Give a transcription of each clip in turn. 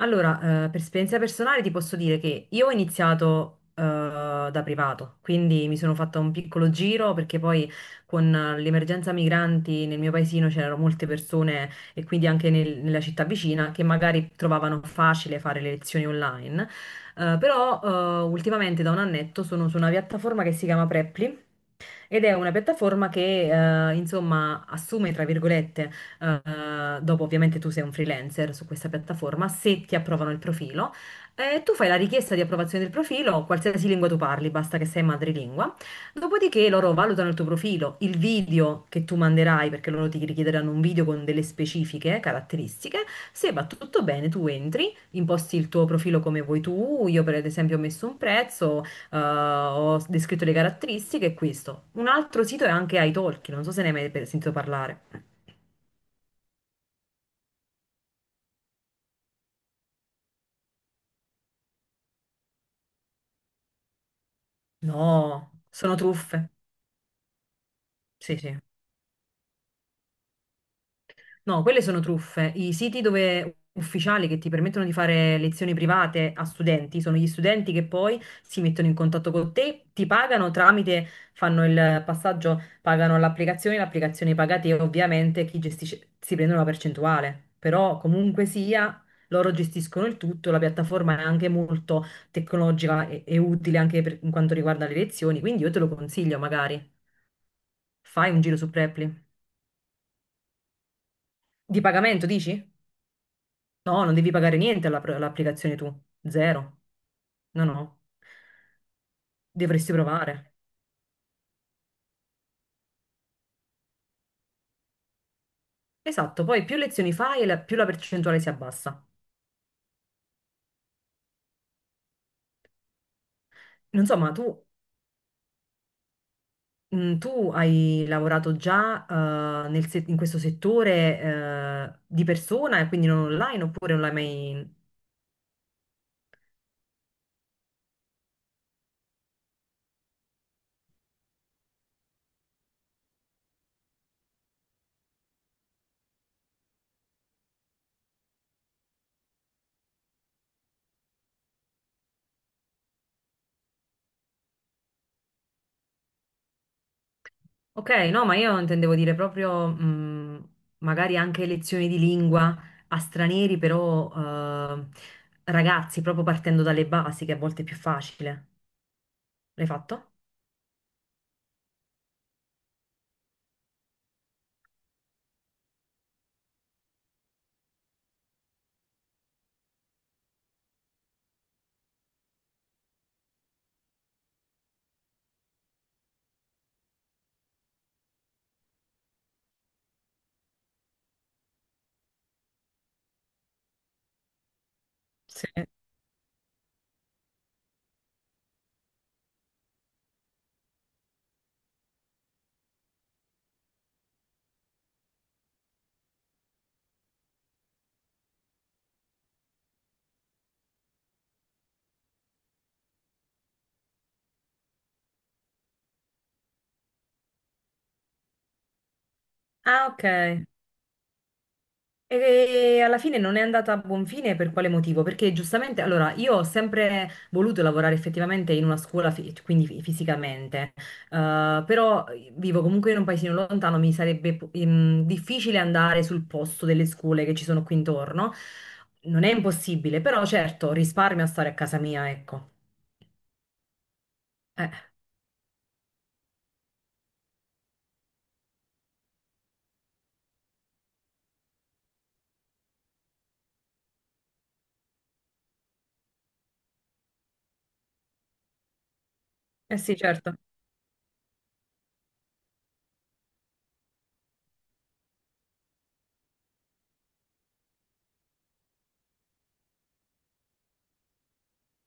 Allora, per esperienza personale ti posso dire che io ho iniziato da privato, quindi mi sono fatta un piccolo giro perché poi con l'emergenza migranti nel mio paesino c'erano molte persone e quindi anche nella città vicina che magari trovavano facile fare le lezioni online. Però Ultimamente da un annetto sono su una piattaforma che si chiama Preply ed è una piattaforma che insomma assume, tra virgolette, dopo ovviamente tu sei un freelancer su questa piattaforma, se ti approvano il profilo, tu fai la richiesta di approvazione del profilo, qualsiasi lingua tu parli, basta che sei madrelingua, dopodiché loro valutano il tuo profilo, il video che tu manderai, perché loro ti richiederanno un video con delle specifiche caratteristiche, se va tutto bene tu entri, imposti il tuo profilo come vuoi tu, io per esempio ho messo un prezzo, ho descritto le caratteristiche e questo. Un altro sito è anche italki, non so se ne hai mai sentito parlare. No, sono truffe. Sì, sì. No, quelle sono truffe. I siti ufficiali che ti permettono di fare lezioni private a studenti sono gli studenti che poi si mettono in contatto con te, ti pagano tramite, fanno il passaggio, pagano l'applicazione, l'applicazione paga te, ovviamente chi gestisce si prende una percentuale, però comunque sia loro gestiscono il tutto, la piattaforma è anche molto tecnologica e utile anche per, in quanto riguarda le lezioni, quindi io te lo consiglio magari. Fai un giro su Preply. Di pagamento, dici? No, non devi pagare niente all'applicazione tu, zero. No, no, dovresti provare. Esatto, poi più lezioni fai e più la percentuale si abbassa. Non so, ma tu, tu hai lavorato già nel in questo settore di persona e quindi non online oppure non l'hai mai... Ok, no, ma io intendevo dire proprio magari anche lezioni di lingua a stranieri, però eh, ragazzi, proprio partendo dalle basi, che a volte è più facile. L'hai fatto? Sì. Ah, ok. E alla fine non è andata a buon fine per quale motivo? Perché giustamente, allora, io ho sempre voluto lavorare effettivamente in una scuola, quindi fisicamente. Però vivo comunque in un paesino lontano, mi sarebbe difficile andare sul posto delle scuole che ci sono qui intorno. Non è impossibile, però certo, risparmio a stare a casa mia, ecco. Eh, eh sì, certo.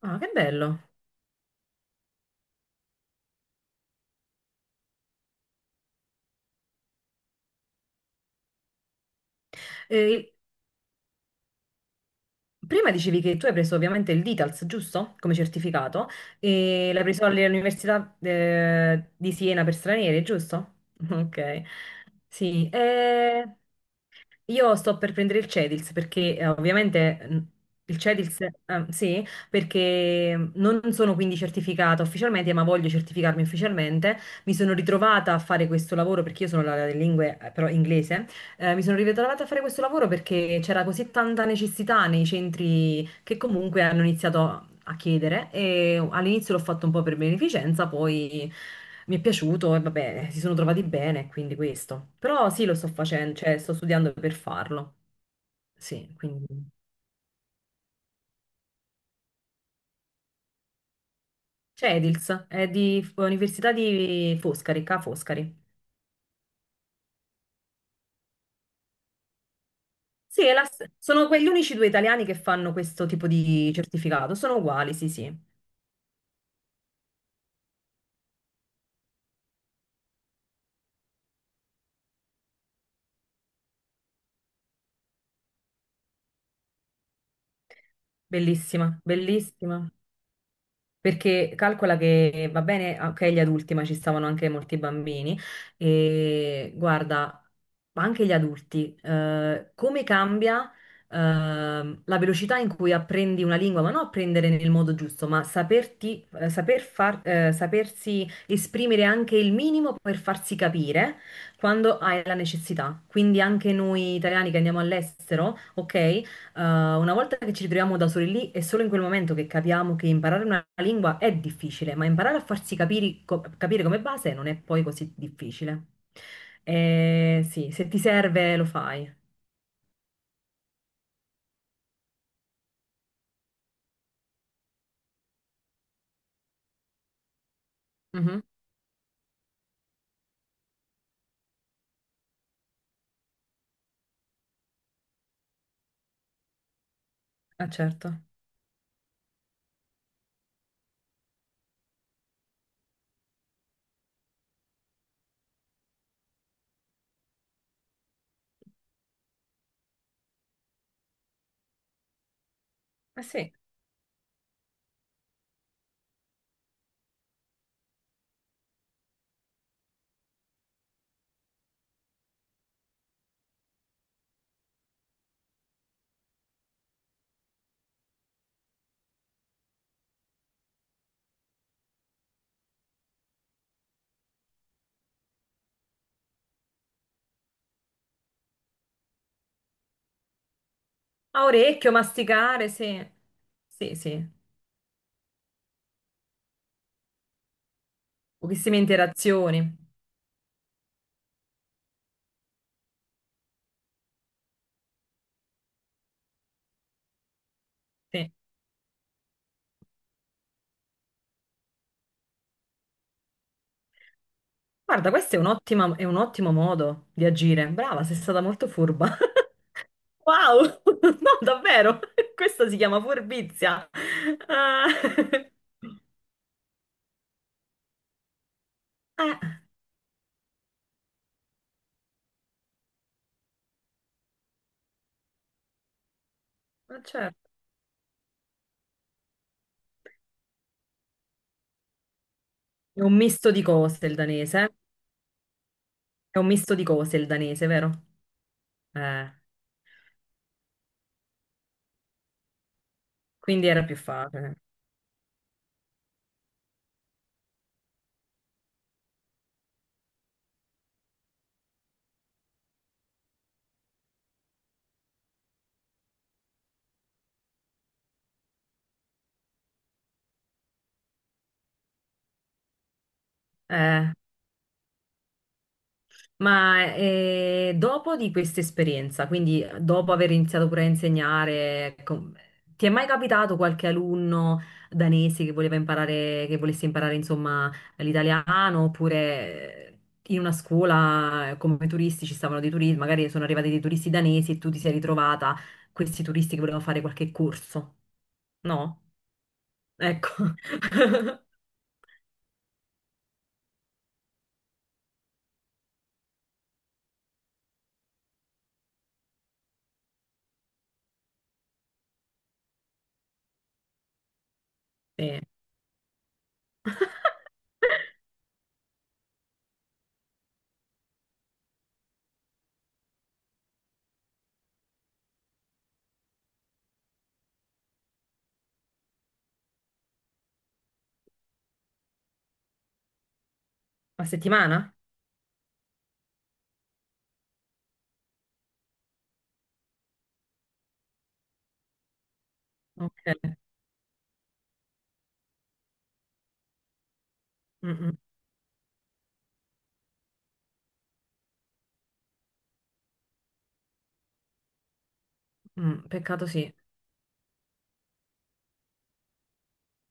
Ah, che bello. Eh, Prima dicevi che tu hai preso ovviamente il DITALS, giusto? Come certificato, e l'hai preso all'Università di Siena per stranieri, giusto? Ok, sì. Io sto per prendere il Cedils perché ovviamente il Cedils, sì, perché non sono quindi certificata ufficialmente, ma voglio certificarmi ufficialmente. Mi sono ritrovata a fare questo lavoro perché io sono laureata in lingue, però inglese. Mi sono ritrovata a fare questo lavoro perché c'era così tanta necessità nei centri che comunque hanno iniziato a chiedere e all'inizio l'ho fatto un po' per beneficenza, poi mi è piaciuto e vabbè, si sono trovati bene, quindi questo. Però sì, lo sto facendo, cioè sto studiando per farlo. Sì, quindi c'è Edils, è di Università di Foscari, Ca' Foscari. Sì, è sono quegli unici due italiani che fanno questo tipo di certificato, sono uguali, sì, sì. Bellissima, bellissima. Perché calcola che va bene, ok, gli adulti, ma ci stavano anche molti bambini. E guarda, ma anche gli adulti, come cambia, la velocità in cui apprendi una lingua, ma non apprendere nel modo giusto, ma saperti, saper far, sapersi esprimere anche il minimo per farsi capire quando hai la necessità. Quindi anche noi italiani che andiamo all'estero, ok? Uh, una volta che ci ritroviamo da soli lì, è solo in quel momento che capiamo che imparare una lingua è difficile, ma imparare a farsi capire come base non è poi così difficile. Sì, se ti serve lo fai. Mhm. Ah, certo. Eh sì. A orecchio, masticare, sì. Sì, sì. Pochissime interazioni. Sì. Guarda, questo è un è un ottimo modo di agire. Brava, sei stata molto furba. Wow, no, davvero, questa si chiama furbizia. Ah, eh, ma certo. È un misto di cose il danese, eh? È un misto di cose il danese, vero? Eh, quindi era più facile. Eh, Ma dopo di questa esperienza, quindi dopo aver iniziato pure a insegnare, ti è mai capitato qualche alunno danese che voleva imparare, che volesse imparare insomma l'italiano oppure in una scuola come turisti ci stavano dei turisti, magari sono arrivati dei turisti danesi e tu ti sei ritrovata questi turisti che volevano fare qualche corso? No? Ecco. Sì. A settimana? Ok. Mm, mm, mm. Peccato sì.